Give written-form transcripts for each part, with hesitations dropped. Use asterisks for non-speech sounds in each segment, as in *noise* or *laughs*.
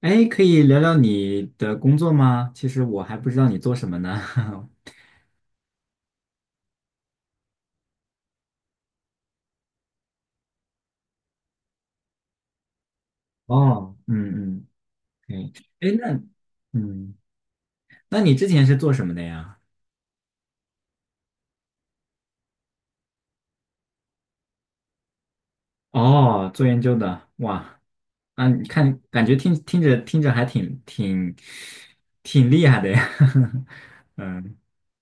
哎，可以聊聊你的工作吗？其实我还不知道你做什么呢。*laughs* 哦，嗯嗯，哎，哎，嗯，那你之前是做什么的呀？哦，做研究的，哇，啊，你看，感觉听着听着还挺厉害的呀。*laughs* 嗯，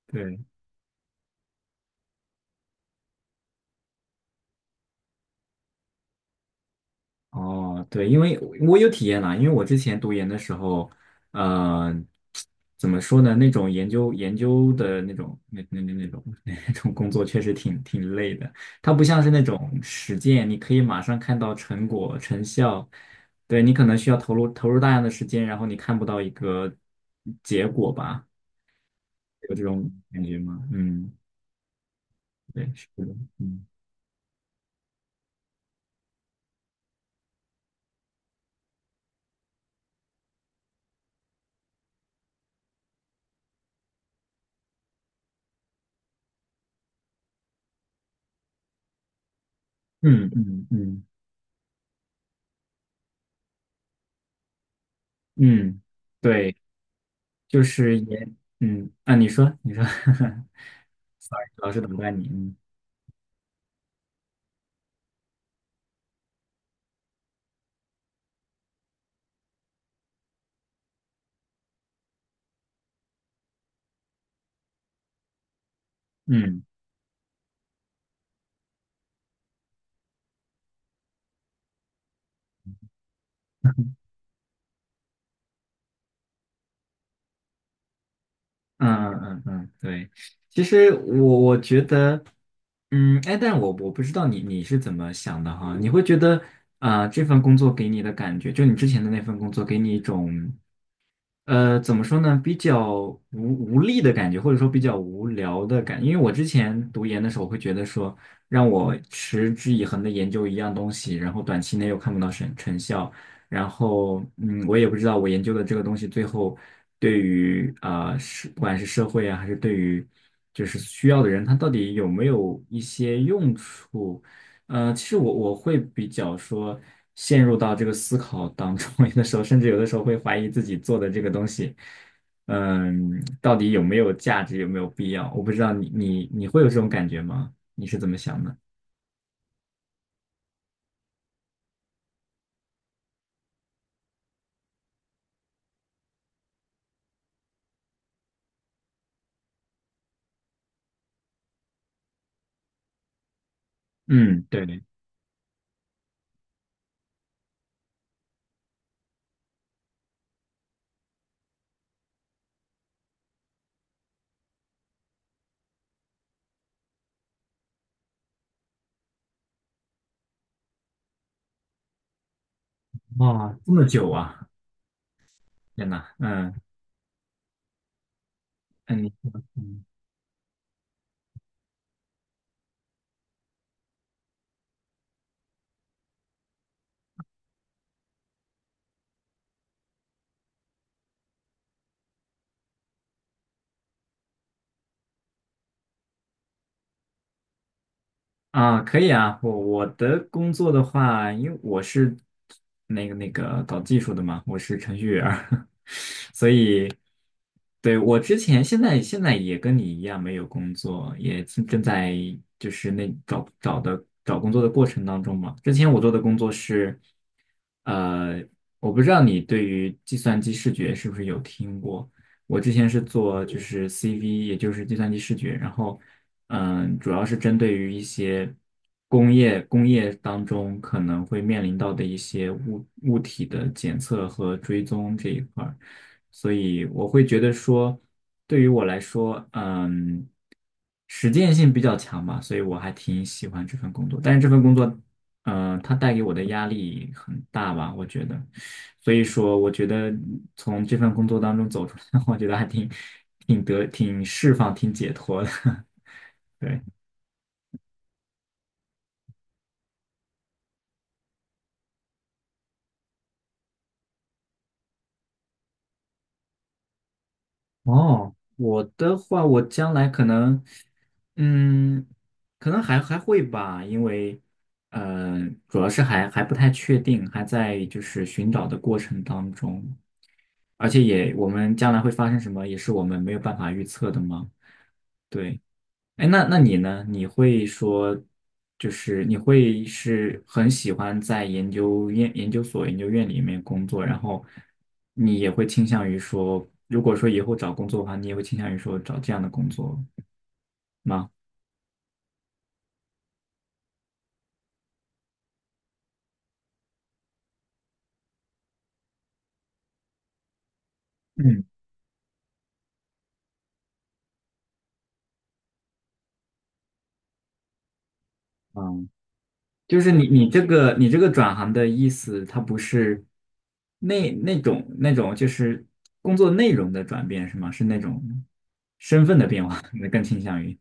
对，哦，对，因为我有体验啦，因为我之前读研的时候，呃，怎么说呢？那种研究研究的那种 *laughs* 那种工作确实挺累的。它不像是那种实践，你可以马上看到成果成效。对，你可能需要投入大量的时间，然后你看不到一个结果吧？有这种感觉吗？嗯，对，是的，嗯嗯嗯嗯嗯，对。就是也嗯啊，你说 *laughs*，sorry，老是打断你，嗯嗯嗯嗯嗯，嗯对，其实我觉得，嗯，哎，但我不知道你是怎么想的哈，你会觉得这份工作给你的感觉，就你之前的那份工作给你一种。怎么说呢？比较无力的感觉，或者说比较无聊的感觉。因为我之前读研的时候，会觉得说，让我持之以恒的研究一样东西，然后短期内又看不到成效，然后我也不知道我研究的这个东西最后对于是不管是社会啊，还是对于就是需要的人，他到底有没有一些用处。其实我会比较说陷入到这个思考当中，*laughs* 有的时候甚至有的时候会怀疑自己做的这个东西，嗯，到底有没有价值，有没有必要？我不知道你会有这种感觉吗？你是怎么想的？嗯，对，哇，这么久啊，天呐，嗯嗯，你说嗯啊，可以啊，我的工作的话，因为我是那个搞技术的嘛，我是程序员儿，*laughs* 所以对我之前现在也跟你一样没有工作，也正在就是那找找的找工作的过程当中嘛。之前我做的工作是，呃，我不知道你对于计算机视觉是不是有听过。我之前是做就是 CV，也就是计算机视觉，然后主要是针对于一些工业当中可能会面临到的一些物体的检测和追踪这一块儿，所以我会觉得说，对于我来说，实践性比较强吧，所以我还挺喜欢这份工作。但是这份工作，它带给我的压力很大吧，我觉得，所以说我觉得从这份工作当中走出来，我觉得还挺释放、挺解脱的，*laughs* 对。哦，我的话，我将来可能，嗯，可能还会吧，因为，呃，主要是还不太确定，还在就是寻找的过程当中，而且也我们将来会发生什么，也是我们没有办法预测的嘛。对，哎，那你呢？你会说，就是你会是很喜欢在研究院、研究所、研究院里面工作，然后你也会倾向于说，如果说以后找工作的话，你也会倾向于说找这样的工作吗？嗯，嗯，就是你这个转行的意思，它不是那种就是工作内容的转变是吗？是那种身份的变化，*laughs* 你更倾向于。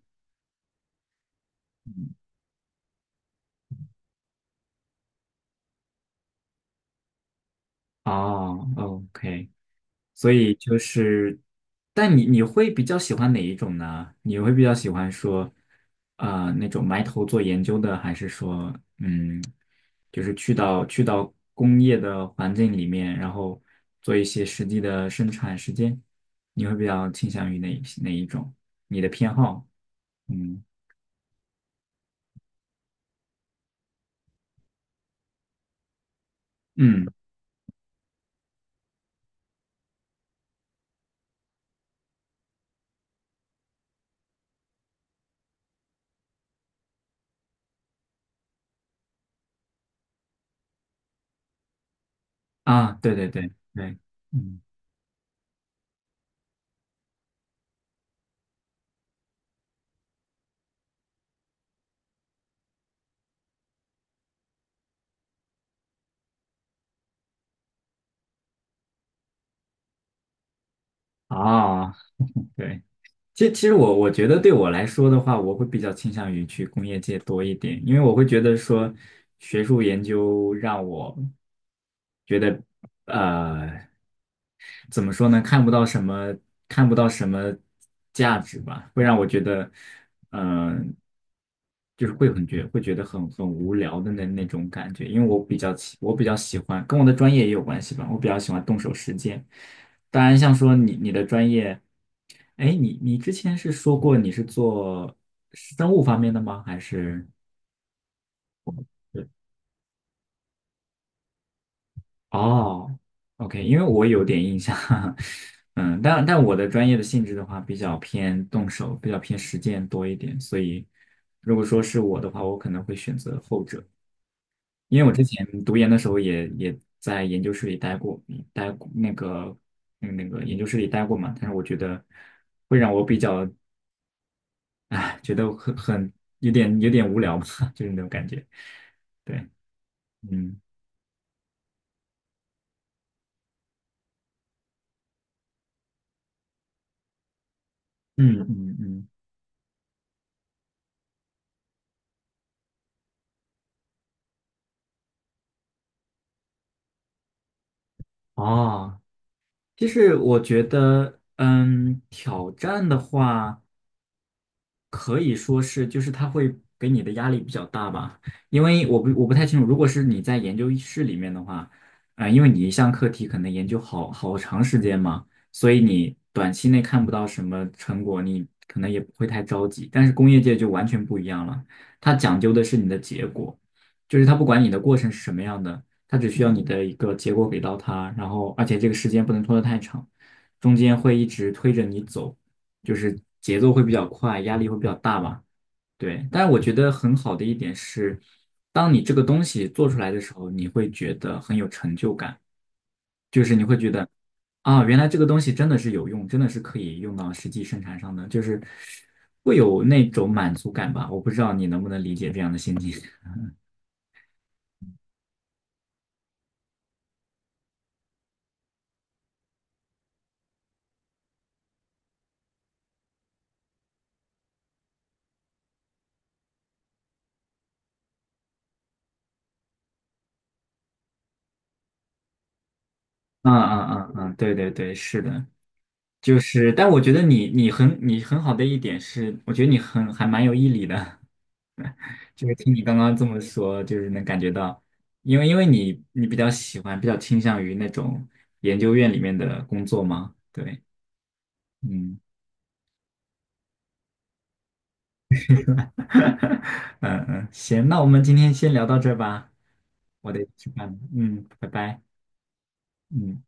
哦，OK，所以就是，但你会比较喜欢哪一种呢？你会比较喜欢说，那种埋头做研究的，还是说，嗯，就是去到工业的环境里面，然后做一些实际的生产时间？你会比较倾向于哪一种？你的偏好？嗯嗯啊，对对对对，嗯啊，对。其实我觉得对我来说的话，我会比较倾向于去工业界多一点，因为我会觉得说，学术研究让我觉得，呃，怎么说呢？看不到什么，看不到什么价值吧，会让我觉得，嗯、就是会觉得很无聊的那种感觉。因为我比较喜欢，跟我的专业也有关系吧。我比较喜欢动手实践。当然，像说你的专业，哎，你之前是说过你是做生物方面的吗？还是？哦，OK，因为我有点印象，*laughs* 嗯，但我的专业的性质的话，比较偏动手，比较偏实践多一点，所以如果说是我的话，我可能会选择后者，因为我之前读研的时候也在研究室里待过，待过那个研究室里待过嘛，但是我觉得会让我比较，哎，觉得很很有点有点无聊吧，*laughs* 就是那种感觉，对，嗯嗯嗯嗯，哦。其实我觉得，挑战的话，可以说是，就是他会给你的压力比较大吧，因为我不太清楚，如果是你在研究室里面的话，因为你一项课题可能研究好长时间嘛，所以你短期内看不到什么成果，你可能也不会太着急。但是工业界就完全不一样了，它讲究的是你的结果，就是它不管你的过程是什么样的，它只需要你的一个结果给到它，然后而且这个时间不能拖得太长，中间会一直推着你走。就是节奏会比较快，压力会比较大吧。对，但是我觉得很好的一点是，当你这个东西做出来的时候，你会觉得很有成就感，就是你会觉得啊，原来这个东西真的是有用，真的是可以用到实际生产上的，就是会有那种满足感吧。我不知道你能不能理解这样的心情。*laughs* 嗯嗯嗯嗯，对对对，是的，就是，但我觉得你很好的一点是，我觉得你还蛮有毅力的，就是听你刚刚这么说，就是能感觉到，因为你比较喜欢，比较倾向于那种研究院里面的工作吗？对，嗯，*laughs* 嗯嗯，行，那我们今天先聊到这儿吧，我得去办了，嗯，拜拜，嗯。